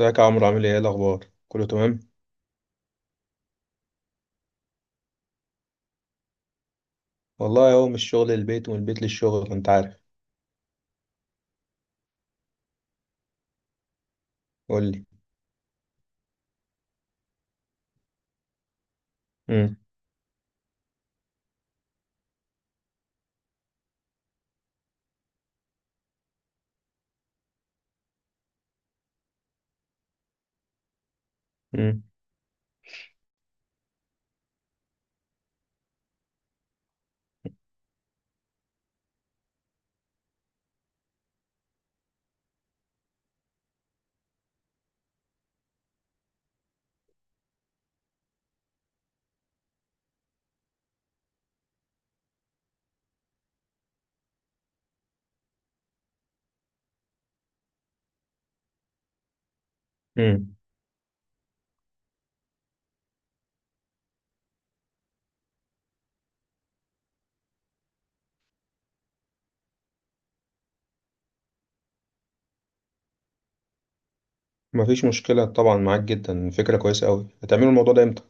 ازيك يا عمرو، عامل ايه؟ إيه الاخبار؟ كله تمام؟ والله اهو من الشغل للبيت ومن البيت للشغل، انت عارف. قول لي. امم. امم. امم. مفيش مشكله، طبعا معاك جدا، فكره كويسه قوي. هتعملوا الموضوع ده امتى؟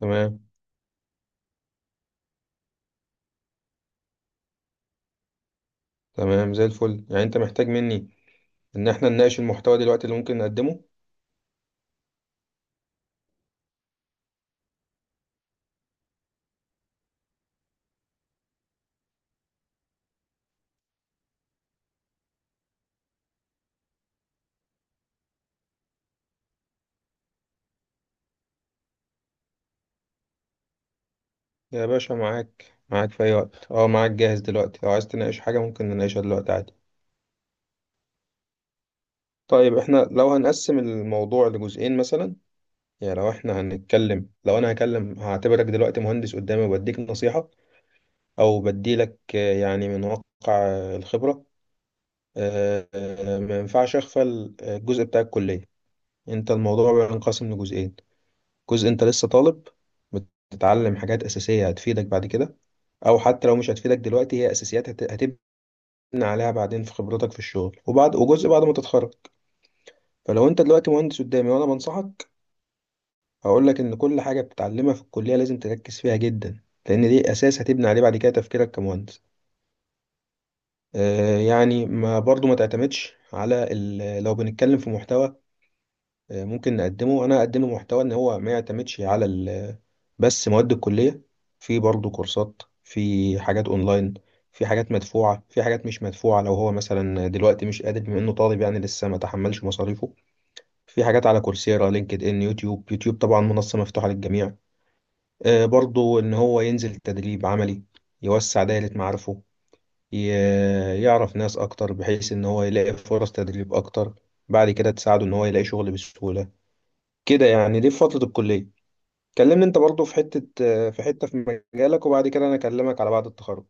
تمام، تمام. زي الفل، يعني انت محتاج مني ان احنا نناقش المحتوى دلوقتي اللي ممكن نقدمه؟ يا باشا معاك، معاك في اي وقت، اه معاك، جاهز دلوقتي. لو عايز تناقش حاجه ممكن نناقشها دلوقتي عادي. طيب احنا لو هنقسم الموضوع لجزئين مثلا، يعني لو احنا هنتكلم، لو انا هكلم، هعتبرك دلوقتي مهندس قدامي وبديك نصيحة او بديلك يعني من واقع الخبره. ما ينفعش اغفل الجزء بتاع الكليه. انت الموضوع بينقسم لجزئين: جزء انت لسه طالب، بتتعلم حاجات اساسيه هتفيدك بعد كده، او حتى لو مش هتفيدك دلوقتي هي اساسيات هتبني عليها بعدين في خبرتك في الشغل، وجزء بعد ما تتخرج. فلو انت دلوقتي مهندس قدامي وانا بنصحك، هقول لك ان كل حاجه بتتعلمها في الكليه لازم تركز فيها جدا، لان دي اساس هتبني عليه بعد كده تفكيرك كمهندس. يعني ما برضو ما تعتمدش على لو بنتكلم في محتوى ممكن نقدمه، انا اقدم محتوى ان هو ما يعتمدش على بس مواد الكلية. في برضو كورسات، في حاجات اونلاين، في حاجات مدفوعة، في حاجات مش مدفوعة. لو هو مثلا دلوقتي مش قادر بما انه طالب يعني لسه ما تحملش مصاريفه، في حاجات على كورسيرا، لينكد ان، يوتيوب. يوتيوب طبعا منصة مفتوحة للجميع. برضو ان هو ينزل تدريب عملي، يوسع دائرة معارفه، يعرف ناس أكتر بحيث إن هو يلاقي فرص تدريب أكتر، بعد كده تساعده إن هو يلاقي شغل بسهولة. كده يعني، دي في فترة الكلية. كلمني أنت برضو في حتة، في مجالك، وبعد كده أنا أكلمك على بعد التخرج.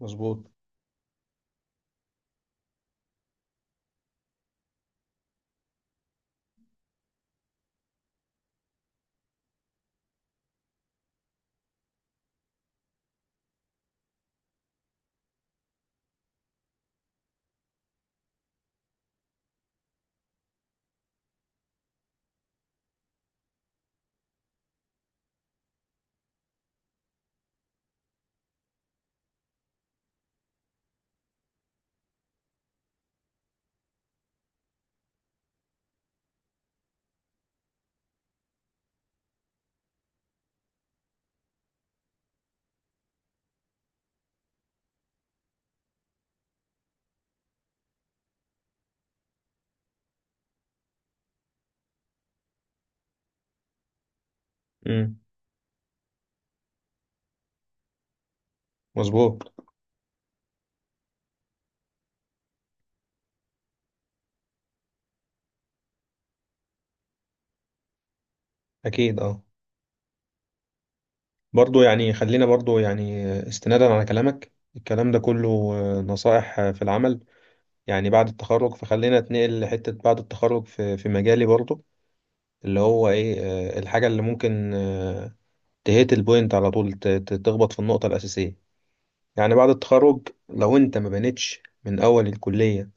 مظبوط. امم. مظبوط. أكيد أه. برضو يعني خلينا، برضو يعني استنادا على كلامك، الكلام ده كله نصائح في العمل يعني بعد التخرج، فخلينا اتنقل لحتة بعد التخرج في مجالي برضو، اللي هو ايه؟ الحاجة اللي ممكن تهيت البوينت على طول، تخبط في النقطة الأساسية. يعني بعد التخرج لو أنت ما بنيتش من أول الكلية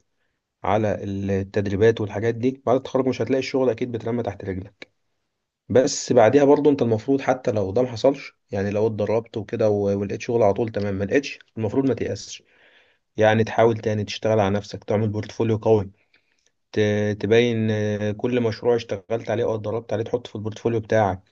على التدريبات والحاجات دي، بعد التخرج مش هتلاقي الشغل أكيد بترمى تحت رجلك. بس بعديها برضو أنت المفروض حتى لو ده ما حصلش، يعني لو اتدربت وكده ولقيت شغل على طول تمام، ما لقيتش المفروض ما تيأسش. يعني تحاول تاني، تشتغل على نفسك، تعمل بورتفوليو قوي. تبين كل مشروع اشتغلت عليه أو اتدربت عليه تحطه في البورتفوليو بتاعك.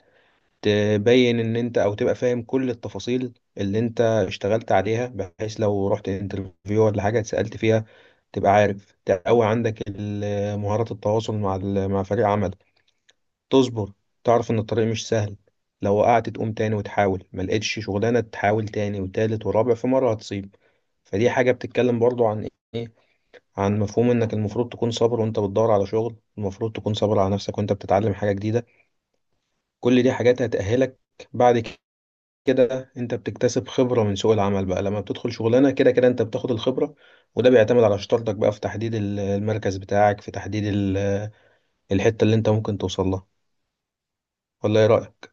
تبين ان انت، او تبقى فاهم كل التفاصيل اللي انت اشتغلت عليها، بحيث لو رحت انترفيو ولا حاجة اتسألت فيها تبقى عارف. تقوي عندك مهارات التواصل مع مع فريق عمل. تصبر، تعرف ان الطريق مش سهل. لو وقعت تقوم تاني وتحاول، ما لقيتش شغلانة تحاول تاني وتالت ورابع، في مرة هتصيب. فدي حاجة بتتكلم برضو عن ايه؟ عن مفهوم انك المفروض تكون صابر وانت بتدور على شغل، المفروض تكون صابر على نفسك وانت بتتعلم حاجة جديدة. كل دي حاجات هتأهلك. بعد كده انت بتكتسب خبرة من سوق العمل بقى. لما بتدخل شغلانة، كده كده انت بتاخد الخبرة. وده بيعتمد على شطارتك بقى في تحديد المركز بتاعك، في تحديد الحتة اللي انت ممكن توصل لها. ولا ايه رأيك؟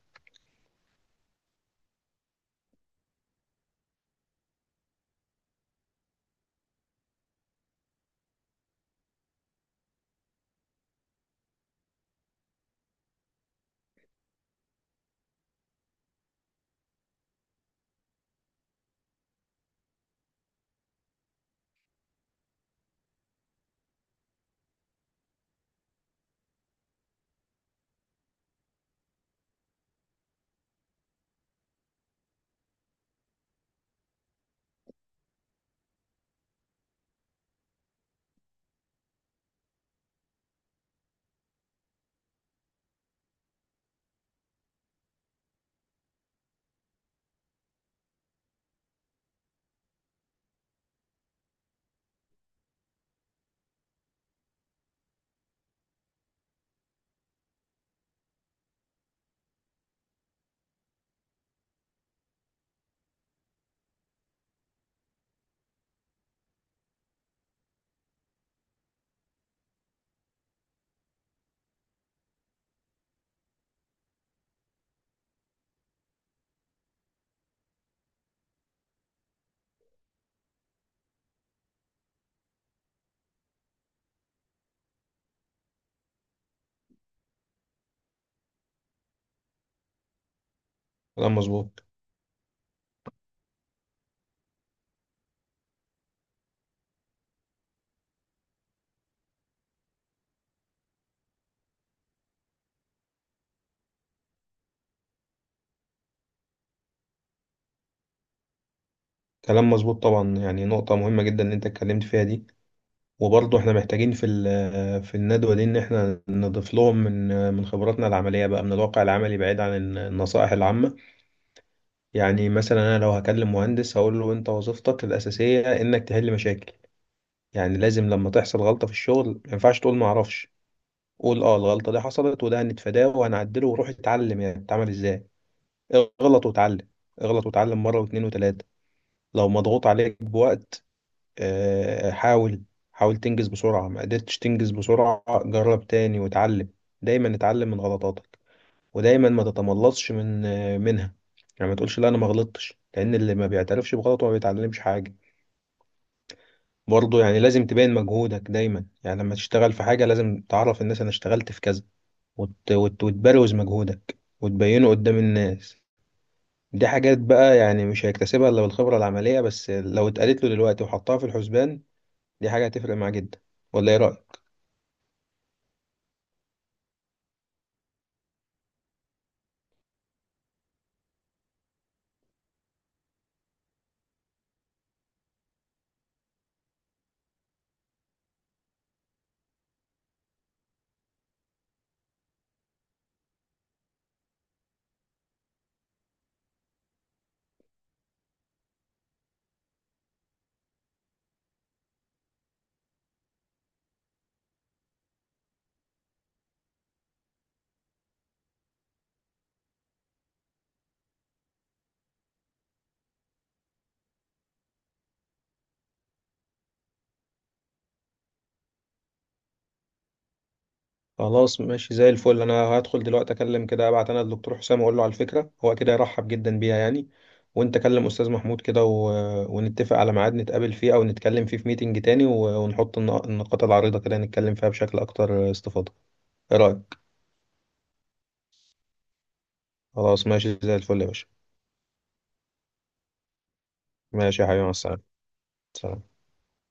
كلام مظبوط. كلام مظبوط طبعا، يعني نقطة مهمة جدا ان انت اتكلمت فيها دي، وبرضه احنا محتاجين في في الندوة دي ان احنا نضيف لهم من خبراتنا العملية بقى، من الواقع العملي بعيد عن النصائح العامة. يعني مثلا انا لو هكلم مهندس هقول له انت وظيفتك الأساسية انك تحل مشاكل. يعني لازم لما تحصل غلطة في الشغل ما ينفعش تقول ما اعرفش. قول اه الغلطة دي حصلت، وده هنتفاداه وهنعدله، وروح اتعلم يعني بتتعمل ازاي. اغلط واتعلم، اغلط واتعلم مرة واتنين وتلاتة. لو مضغوط عليك بوقت، حاول، حاول تنجز بسرعة. ما قدرتش تنجز بسرعة، جرب تاني واتعلم. دايما اتعلم من غلطاتك، ودايما ما تتملصش من منها. يعني ما تقولش لا انا ما غلطتش، لان اللي ما بيعترفش بغلطه ما بيتعلمش حاجة. برضه يعني لازم تبين مجهودك دايما، يعني لما تشتغل في حاجة لازم تعرف الناس أنا اشتغلت في كذا، وتبروز مجهودك وتبينه قدام الناس. دي حاجات بقى يعني مش هيكتسبها إلا بالخبرة العملية، بس لو اتقالت له دلوقتي وحطها في الحسبان، دي حاجة هتفرق معاه جدا. ولا إيه رأيك؟ خلاص ماشي زي الفل. انا هدخل دلوقتي اكلم كده، ابعت انا الدكتور حسام واقول له على الفكره، هو كده يرحب جدا بيها يعني. وانت كلم استاذ محمود كده ونتفق على ميعاد نتقابل فيه او نتكلم فيه في ميتنج تاني، ونحط النقاط العريضه كده نتكلم فيها بشكل اكتر استفاضه. ايه رايك؟ خلاص ماشي زي الفل يا باشا. ماشي يا حبيبي، مع السلامه. سلام.